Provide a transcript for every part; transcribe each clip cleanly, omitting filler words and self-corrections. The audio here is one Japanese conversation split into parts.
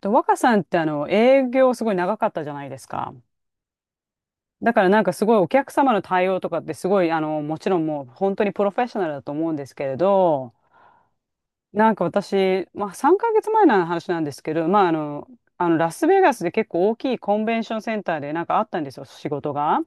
と、若さんってあの、営業すごい長かったじゃないですか。だからなんかすごいお客様の対応とかってすごい、あの、もちろんもう本当にプロフェッショナルだと思うんですけれど、なんか私、まあ、3ヶ月前の話なんですけど、まあ、あの、あのラスベガスで結構大きいコンベンションセンターでなんかあったんですよ、仕事が。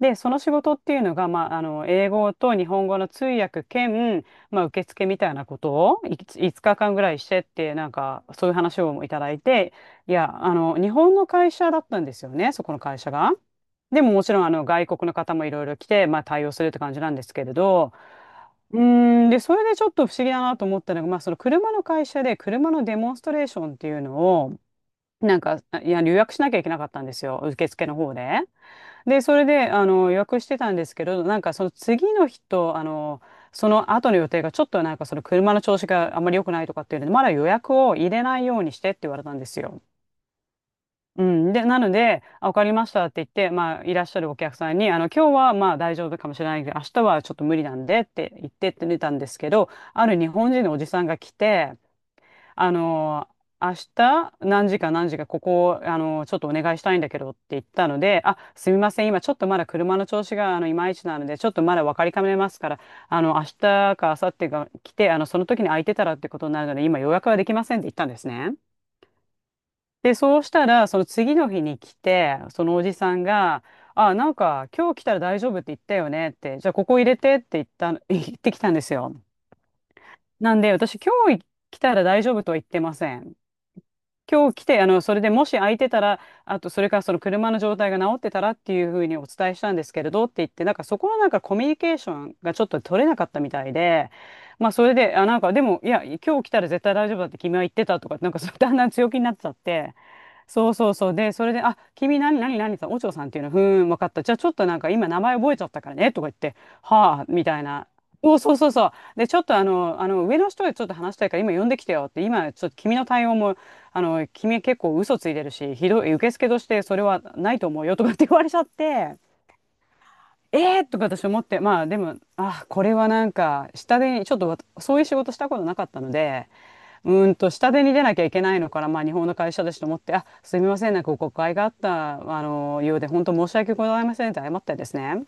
で、その仕事っていうのが、まあ、あの英語と日本語の通訳兼、まあ、受付みたいなことをいつ5日間ぐらいしてって、なんかそういう話をいただいて、いや、あの日本の会社だったんですよね、そこの会社が。でももちろんあの外国の方もいろいろ来て、まあ、対応するって感じなんですけれど、うーん、で、それでちょっと不思議だなと思ったのが、まあ、その車の会社で車のデモンストレーションっていうのを、なんか、いや、予約しなきゃいけなかったんですよ、受付の方で。で、それで、あの、予約してたんですけど、なんかその次の日と、あの、その後の予定がちょっとなんかその車の調子があんまり良くないとかっていうので、まだ予約を入れないようにしてって言われたんですよ。うん、で、なので、あ、わかりましたって言って、まあ、いらっしゃるお客さんに、あの、今日はまあ大丈夫かもしれないけど、明日はちょっと無理なんでって言ってって寝たんですけど、ある日本人のおじさんが来て、あの、明日何時かここ、あの、ちょっとお願いしたいんだけどって言ったので、あ、すみません、今ちょっとまだ車の調子があのいまいちなので、ちょっとまだ分かりかねますから、あの、明日か明後日が来て、あの、その時に空いてたらってことになるので、今予約はできませんって言ったんですね。で、そうしたら、その次の日に来て、そのおじさんが、あ、なんか、今日来たら大丈夫って言ったよねって、じゃあここ入れてって言った 言ってきたんですよ。なんで、私、今日来たら大丈夫とは言ってません。今日来て、あの、それでもし空いてたら、あと、それからその車の状態が治ってたらっていうふうにお伝えしたんですけれどって言って、なんかそこのなんかコミュニケーションがちょっと取れなかったみたいで、まあそれで、あ、なんかでも、いや、今日来たら絶対大丈夫だって君は言ってたとか、なんかそうだんだん強気になっちゃって、そうそうそう。で、それで、あ、君何さん、お嬢さんっていうの、ふーん、分かった。じゃあちょっとなんか今名前覚えちゃったからね、とか言って、はあ、みたいな。そうそうそうそう。で、ちょっとあの、あの、上の人でちょっと話したいから今呼んできてよって、今ちょっと君の対応もあの、君結構嘘ついてるし、ひどい、受付としてそれはないと思うよとかって言われちゃって、えーとか私思って、まあでも、あ、これはなんか、下手に、ちょっとそういう仕事したことなかったので、うーんと、下手に出なきゃいけないのから、まあ日本の会社だしと思って、あ、すみません、なんか誤解があった、あの、ようで、本当申し訳ございませんって謝ったんですね。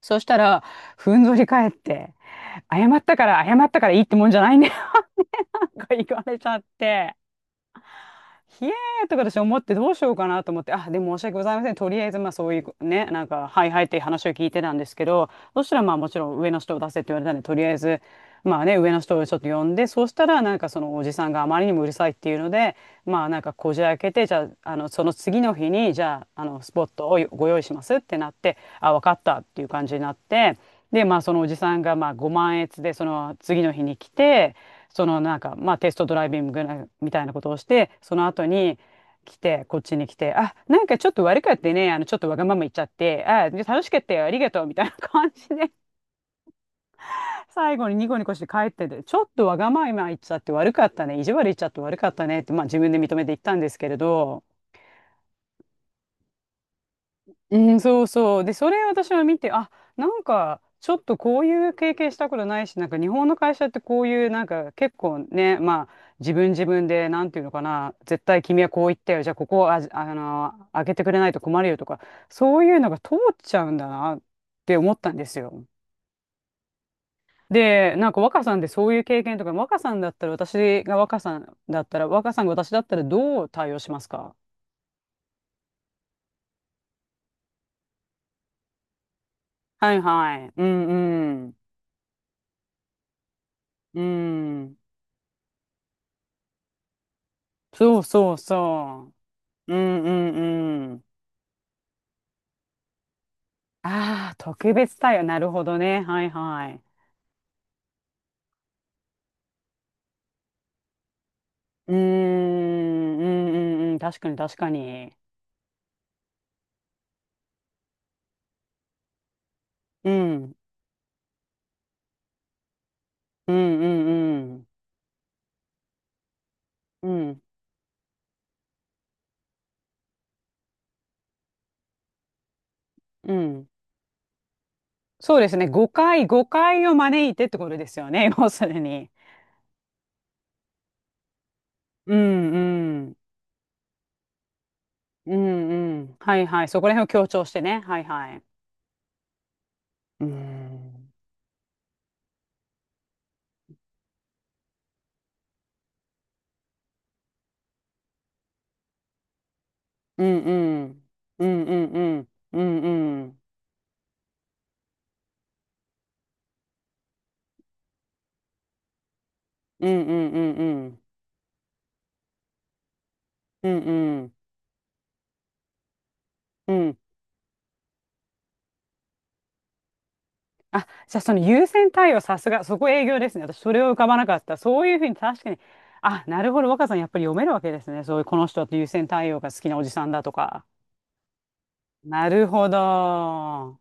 そしたら、ふんぞり返って、謝ったからいいってもんじゃないね、なんか言われちゃって。ひえーとか私思ってどうしようかなと思って、あ、でも申し訳ございません。とりあえず、まあそういうね、なんか、はいはいって話を聞いてたんですけど、そしたらまあもちろん上の人を出せって言われたんで、とりあえず、まあね、上の人をちょっと呼んで、そうしたらなんかそのおじさんがあまりにもうるさいっていうので、まあなんかこじ開けて、じゃあ、あの、その次の日に、じゃあ、あの、スポットをご用意しますってなって、あ、わかったっていう感じになって、で、まあそのおじさんがまあ5万円でその次の日に来て、そのなんか、まあ、テストドライビングみたいなことをして、その後に来て、こっちに来て、あ、なんかちょっと悪かったね、あの、ちょっとわがまま言っちゃって、あ、楽しかったよ、ありがとう、みたいな感じで、最後にニコニコして帰ってて、ちょっとわがまま言っちゃって悪かったね、意地悪言っちゃって悪かったねって、まあ、自分で認めて言ったんですけれど、うん、そうそう。で、それ私は見て、あ、なんか、ちょっとこういう経験したことないし、なんか日本の会社ってこういう、なんか結構ね、まあ、自分で、なんていうのかな、絶対君はこう言ったよ、じゃあここをあ、あの、開けてくれないと困るよとか、そういうのが通っちゃうんだなって思ったんですよ。で、なんか若さんでそういう経験とか、若さんだったら、私が若さんだったら、若さんが私だったらどう対応しますか。はいはい。うんうん。うん。そうそうそう。うんうんうん。ああ、特別対応。なるほどね。はいはい。うーん、うんうんうん。確かに確かに。うん、うんうんうん。うん、うん。そうですね。誤解を招いてってことですよね。要するに。うんうん。うんうん。はいはい。そこら辺を強調してね。はいはい。うん。うんうん。うんうんうん。うんうん。うんうんうんうん。うんうん。うん、あ、じゃあその優先対応さすが、そこ営業ですね。私それを浮かばなかった。そういうふうに確かに、あ、なるほど、若さんやっぱり読めるわけですね。そういうこの人って優先対応が好きなおじさんだとか。なるほど。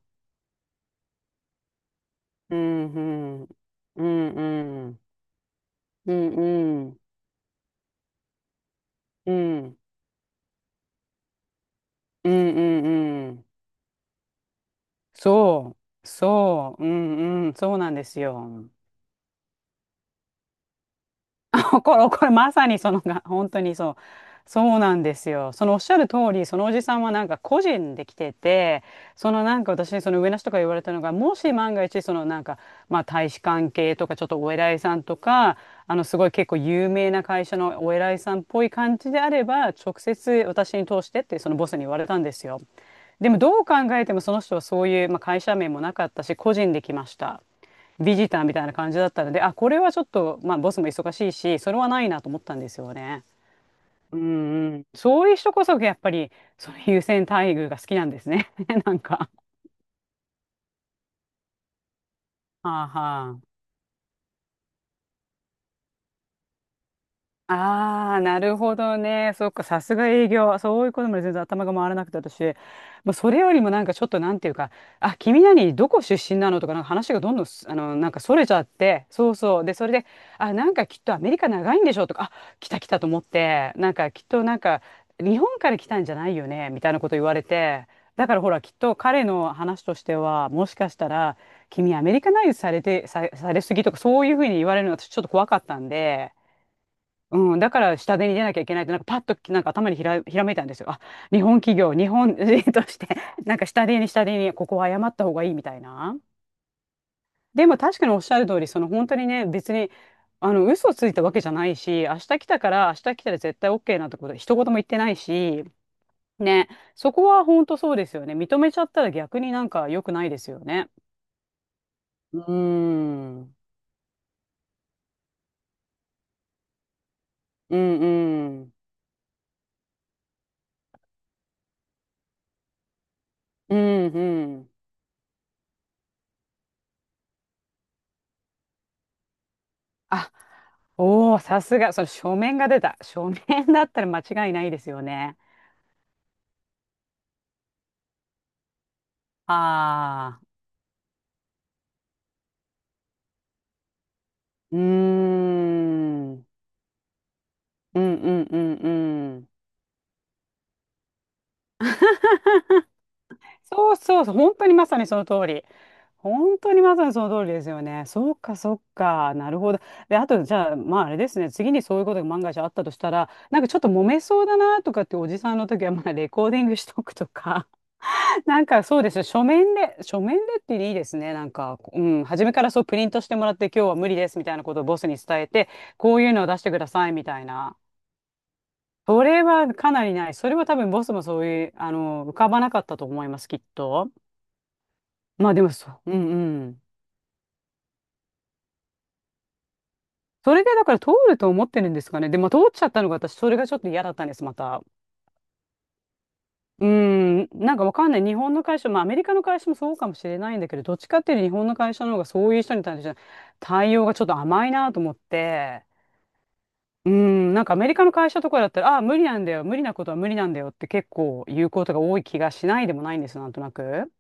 うん、うん。うん、うん。うん、うん。うん、うん、うん。うん、そう、そう、うん、うん、そうなんですよ。そう、これ、これまさにそのが、本当にそう。そうなんですよ。そのおっしゃる通り、そのおじさんはなんか個人で来てて、そのなんか私にその上の人から言われたのが、もし万が一そのなんか、まあ大使館系とかちょっとお偉いさんとか、あのすごい結構有名な会社のお偉いさんっぽい感じであれば、直接私に通してってそのボスに言われたんですよ。でもどう考えてもその人はそういう、まあ、会社名もなかったし、個人で来ました。ビジターみたいな感じだったので、あ、これはちょっと、まあ、ボスも忙しいし、それはないなと思ったんですよね。うんうん。そういう人こそ、やっぱり、その優先待遇が好きなんですね。なんか。はあはあ。ああ、なるほどね。そっか、さすが営業。そういうことまで全然頭が回らなくて、私。もうそれよりもなんかちょっとなんていうか、あ、どこ出身なのとか、なんか話がどんどんす、あの、なんかそれちゃって、そうそう。で、それで、あ、なんかきっとアメリカ長いんでしょとか、あ、来た来たと思って、なんかきっとなんか、日本から来たんじゃないよね、みたいなこと言われて、だからほら、きっと彼の話としては、もしかしたら、君アメリカナイズされて、されすぎとか、そういうふうに言われるのが私ちょっと怖かったんで、うん、だから下手に出なきゃいけないって、なんかパッとなんか頭にひらめいたんですよ。あ、日本企業、日本人として、なんか下手に下手に、ここは謝った方がいいみたいな。でも確かにおっしゃる通り、その本当にね、別に、あの、嘘ついたわけじゃないし、明日来たら絶対 OK なんてこと、一言も言ってないし、ね、そこは本当そうですよね。認めちゃったら逆になんか良くないですよね。うーん、うんうん、うんうん。あおお、さすが、その書面が出た。書面だったら間違いないですよね。ああ、うーん。うんうんうんうん。そうそうそう、本当にまさにその通り。本当にまさにその通りですよね。そうか、そうか。なるほど。で、あと、じゃあ、まあ、あれですね。次にそういうことが万が一あったとしたら、なんかちょっと揉めそうだなとかっておじさんの時は、まあ、レコーディングしとくとか。なんかそうですよ。書面でっていいですね。なんか、うん、初めからそうプリントしてもらって、今日は無理ですみたいなことをボスに伝えて、こういうのを出してくださいみたいな。それはかなりない。それは多分ボスもそういう、あの、浮かばなかったと思います、きっと。まあでもそう、うんうん。それでだから通ると思ってるんですかね。で、まあ通っちゃったのが私、それがちょっと嫌だったんです、また。うん、なんかわかんない。日本の会社、まあアメリカの会社もそうかもしれないんだけど、どっちかっていうと日本の会社の方がそういう人に対して対応がちょっと甘いなと思って、うん、なんかアメリカの会社とかだったら、ああ、無理なんだよ、無理なことは無理なんだよって結構言うことが多い気がしないでもないんです、なんとなく。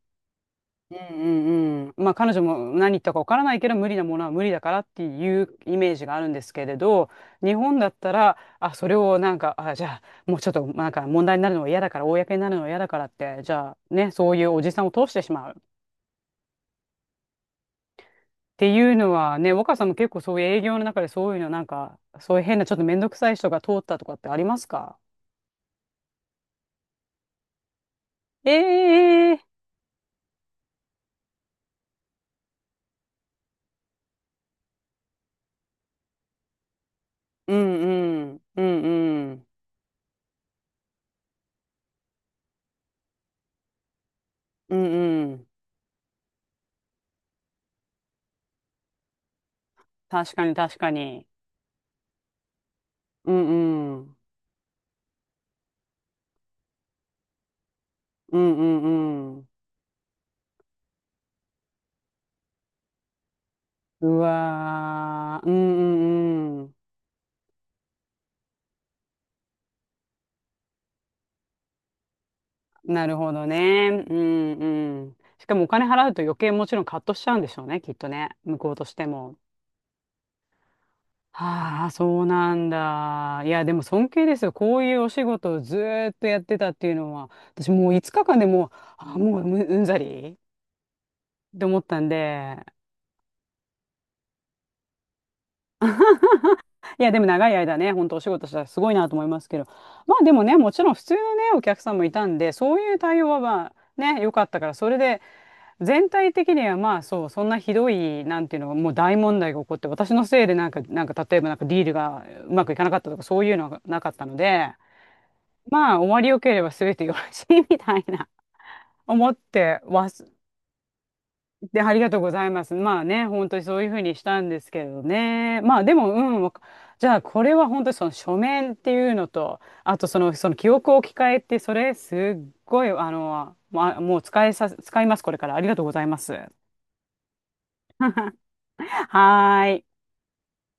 うんうんうん。まあ彼女も何言ったかわからないけど無理なものは無理だからっていうイメージがあるんですけれど、日本だったら、あ、それをなんか、あ、じゃあもうちょっとなんか問題になるのは嫌だから、公になるのは嫌だからって、じゃあね、そういうおじさんを通してしまう。っていうのはね、若さんも結構そういう営業の中でそういうのなんか、そういう変なちょっと面倒くさい人が通ったとかってありますか？ええうんうん、うんうん、うんうん。確かに確かに。うんうん、うんうんうん。うわー、うんうんうん。なるほどね。うんうん。しかもお金払うと余計もちろんカットしちゃうんでしょうね、きっとね。向こうとしても。はあ、そうなんだ。いや、でも尊敬ですよ。こういうお仕事をずーっとやってたっていうのは、私もう5日間でもう、うんざりって思ったんで。いや、でも長い間ね、本当お仕事したらすごいなと思いますけど。まあでもね、もちろん普通のね、お客さんもいたんで、そういう対応はまあね、良かったから、それで、全体的にはまあそう、そんなひどい、なんていうの、もう大問題が起こって、私のせいでなんか、なんか例えばなんかディールがうまくいかなかったとかそういうのはなかったので、まあ終わりよければ全てよろしいみたいな思ってわす、で、ありがとうございます。まあね、本当にそういうふうにしたんですけどね。まあでも、うん、じゃあこれは本当にその書面っていうのと、あとその、その記憶を置き換えって、それすっごい、あの、まあ、もう使います、これから。ありがとうございます。はーい。